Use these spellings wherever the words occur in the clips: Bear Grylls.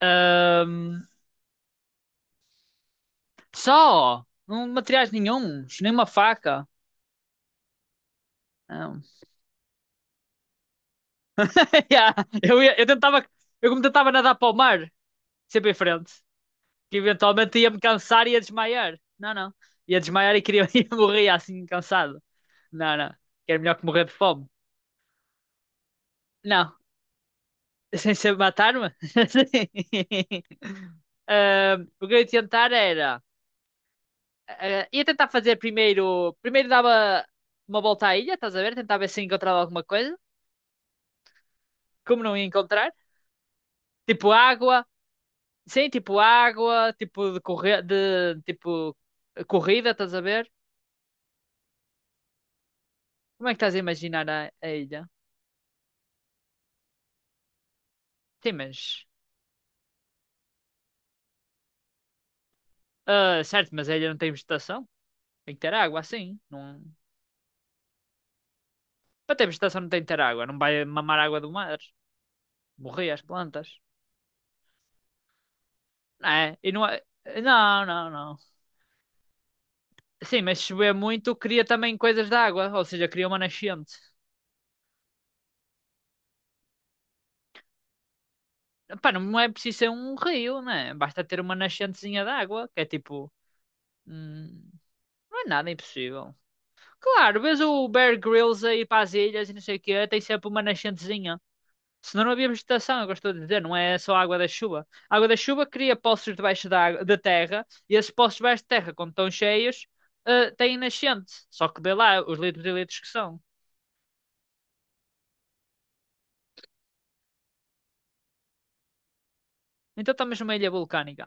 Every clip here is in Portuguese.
Ahm, Só, não materiais nenhuns, nenhuma faca. Não. Yeah, eu tentava, eu como tentava nadar para o mar, sempre em frente, que eventualmente ia me cansar e ia desmaiar. Não, não. Ia desmaiar e queria ia morrer assim, cansado. Não, não. Que era melhor que morrer de fome. Não, sem ser matar-me. O que eu ia tentar era. Ia tentar fazer primeiro. Primeiro dava uma volta à ilha, estás a ver? Tentava ver se encontrava alguma coisa. Como não ia encontrar. Tipo água, sim, tipo água, tipo corre... de tipo corrida, estás a ver? Como é que estás a imaginar a ilha? Sim, mas. Ah, certo, mas a ilha não tem vegetação. Tem que ter água, assim. Não... Para ter vegetação não tem que ter água. Não vai mamar água do mar. Morrer as plantas. Não é? E não é... Não, não, não. Sim, mas se chover muito, cria também coisas de água. Ou seja, cria uma nascente. Pá, não é preciso ser um rio, né? Basta ter uma nascentezinha de água, que é tipo. hum, Não é nada impossível. Claro, vês o Bear Grylls aí para as ilhas e não sei o quê, tem sempre uma nascentezinha. Senão não havia vegetação, eu gosto de dizer, não é só a água da chuva. A água da chuva cria poços debaixo água- da terra e esses poços debaixo da terra, quando estão cheios, têm nascente. Só que dê lá os litros e litros que são. Então estamos numa ilha vulcânica.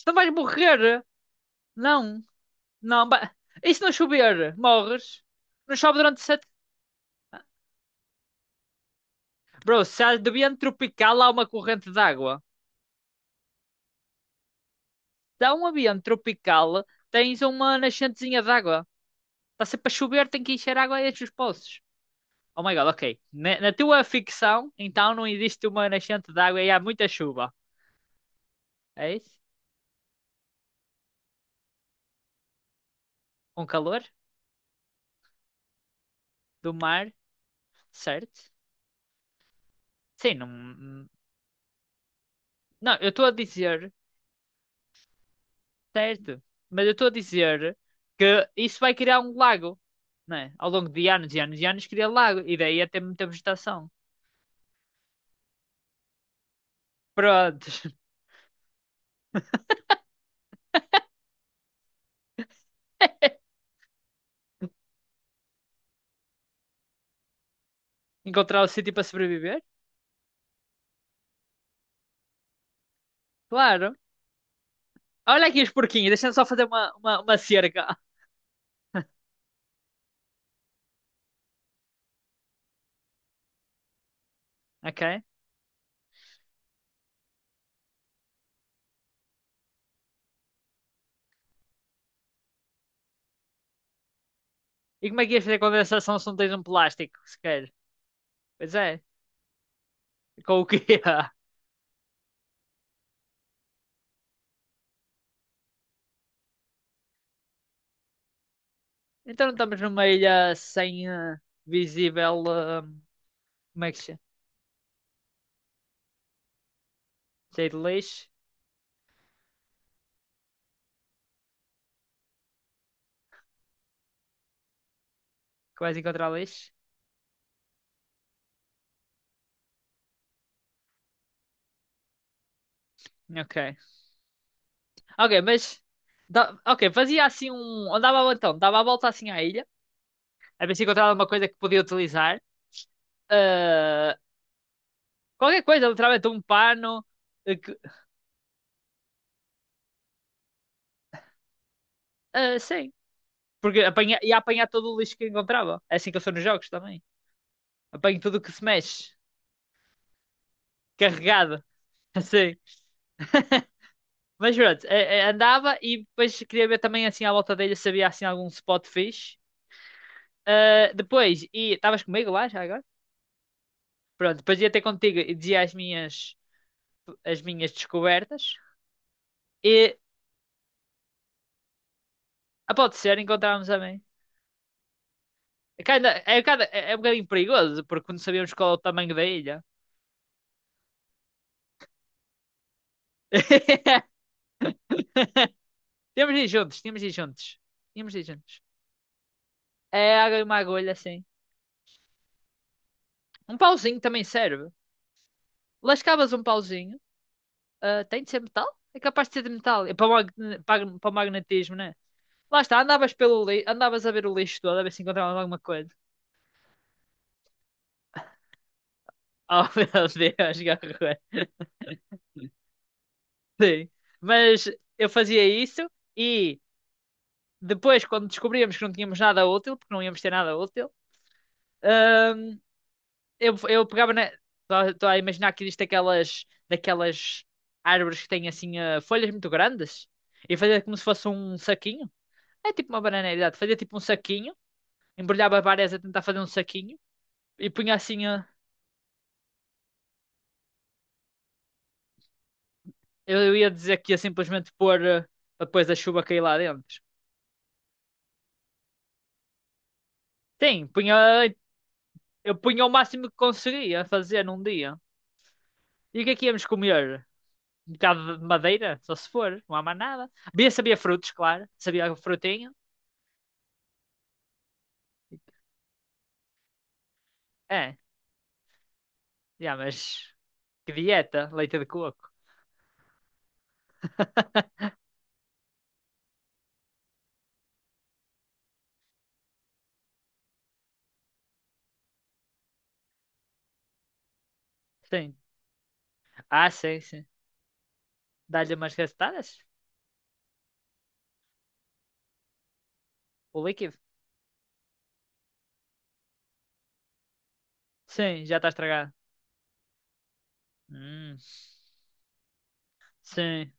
Então vais morrer? Não, não. Ba- e se não chover? Morres? Não chove durante sete. Bro, se há de vento tropical, há uma corrente d'água. Dá um ambiente tropical, tens uma nascentezinha de água. Está sempre a chover, tem que encher água a estes poços. Oh my god, ok. Na tua ficção, então não existe uma nascente de água e há muita chuva. É isso? Com calor do mar, certo? Sim, não. Não, eu estou a dizer, certo? Mas eu estou a dizer que isso vai criar um lago, né? Ao longo de anos e anos e anos cria lago e daí até muita vegetação. Pronto. Encontrar o sítio para sobreviver? Claro. Olha aqui os porquinhos, deixa-me só fazer uma cerca. Ok? E como é que ias fazer condensação se não tens um plástico, sequer? Pois é, com o quê? Então não estamos numa ilha sem visível. Como é que se chama? Cheio de lixo? Que vais encontrar lixo? Ok. Ok, mas. Da- ok, fazia assim um. Andava então, dava a volta assim à ilha, a ver se encontrava alguma coisa que podia utilizar. Eh, Qualquer coisa, literalmente um pano. eh, que- sim. Porque apanha, ia apanhar todo o lixo que encontrava. É assim que eu sou nos jogos também. Apanho tudo o que se mexe, carregado, assim. Mas pronto, andava e depois queria ver também assim à volta dele se havia assim algum spot fixe. Ah, depois, e estavas comigo lá já agora? Pronto, depois ia ter contigo e dizia as minhas descobertas. E ah, pode ser, encontrávamos também. É, cada é é um bocadinho perigoso, porque não sabíamos qual é o tamanho da ilha. Tínhamos de ir juntos, tínhamos de ir juntos. Tínhamos de ir juntos. É água e uma agulha, assim. Um pauzinho também serve. Lascavas um pauzinho. Ah, tem de ser metal? É capaz de ser de metal. É para o, magne- para, o para o magnetismo, né? Lá está, andavas pelo lixo, andavas a ver o lixo todo, a ver se encontravas alguma coisa. Oh meu Deus, garra. Sim. Mas eu fazia isso e depois, quando descobríamos que não tínhamos nada útil, porque não íamos ter nada útil, ahm, eu pegava na. Estou a imaginar que existe aquelas, daquelas árvores que têm assim ah, folhas muito grandes e fazia como se fosse um saquinho. É tipo uma bananeira, exato. Fazia tipo um saquinho, embrulhava várias a tentar fazer um saquinho e punha assim. Eu ia dizer que ia simplesmente pôr para depois da chuva cair lá dentro. Sim, punha, eu punha o máximo que conseguia fazer num dia. E o que é que íamos comer? Um bocado de madeira, só se for, não há mais nada. Bia sabia frutos, claro, sabia frutinho. É, já, mas que dieta, leite de coco. Sim, ah, sim, sim. Dá-lhe umas gastadas? O líquido? Sim, já está estragado. Hum. Sim.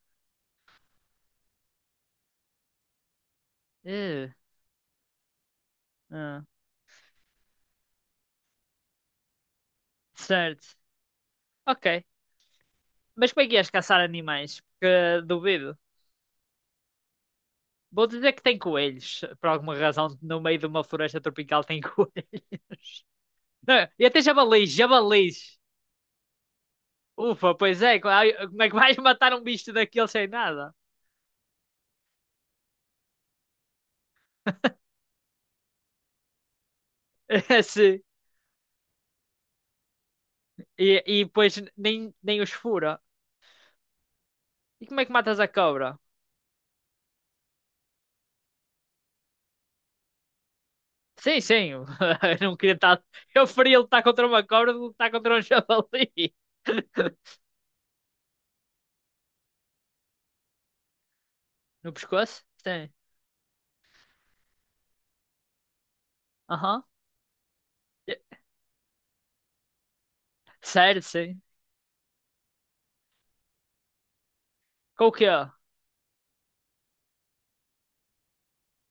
Eh, ah, Certo. Ok. Mas como é que ias caçar animais? Porque eh, duvido. Vou dizer que tem coelhos. Por alguma razão, no meio de uma floresta tropical tem coelhos. Não, e até javalis, javalis. Ufa, pois é. Co- ai, como é que vais matar um bicho daquele sem nada? Sim. E depois nem, nem os fura. E como é que matas a cobra? Sim, sim. Eu não queria estar. Eu preferia lutar contra uma cobra do que lutar contra um javali. No pescoço? Sim. Aham. Sério, sim. Com o quê?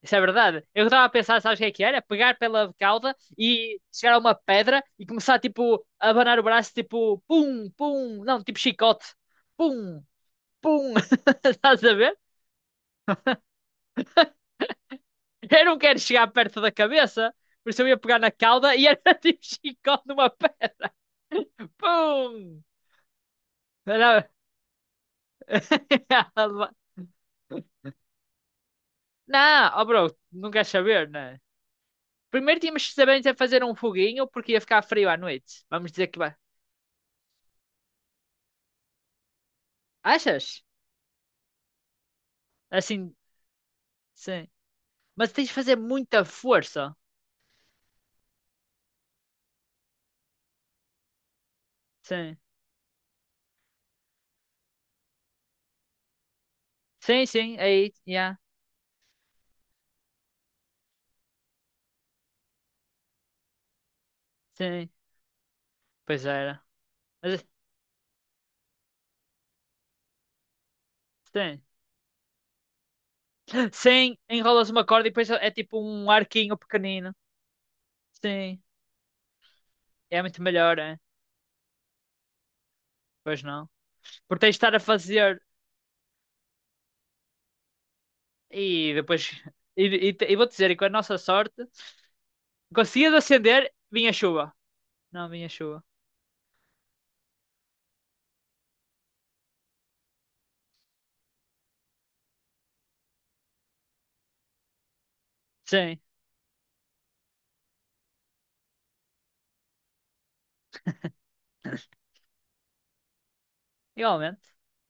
Isso é verdade. Eu estava a pensar, sabes o que é que era? Pegar pela cauda e chegar a uma pedra e começar, tipo, a abanar o braço, tipo, pum, pum. Não, tipo chicote. Pum, pum. Estás a ver? Eu não quero chegar perto da cabeça, por isso eu ia pegar na cauda e era tipo chicote numa pedra. Pum! Era- não, oh bro, não queres saber, né? Primeiro tínhamos que saber fazer um foguinho porque ia ficar frio à noite. Vamos dizer que vai. Achas? Assim, sim. Mas tens de fazer muita força. Sim. Sim, sim. Aí, yeah. Sim. Pois era. Mas, sim. Sim, enrolas uma corda e depois é tipo um arquinho pequenino. Sim. É muito melhor, é? Pois não. Porque tens de estar a fazer e depois. E, e vou-te dizer, e com a nossa sorte, conseguias acender, vinha chuva. Não, vinha chuva. Sim, igualmente.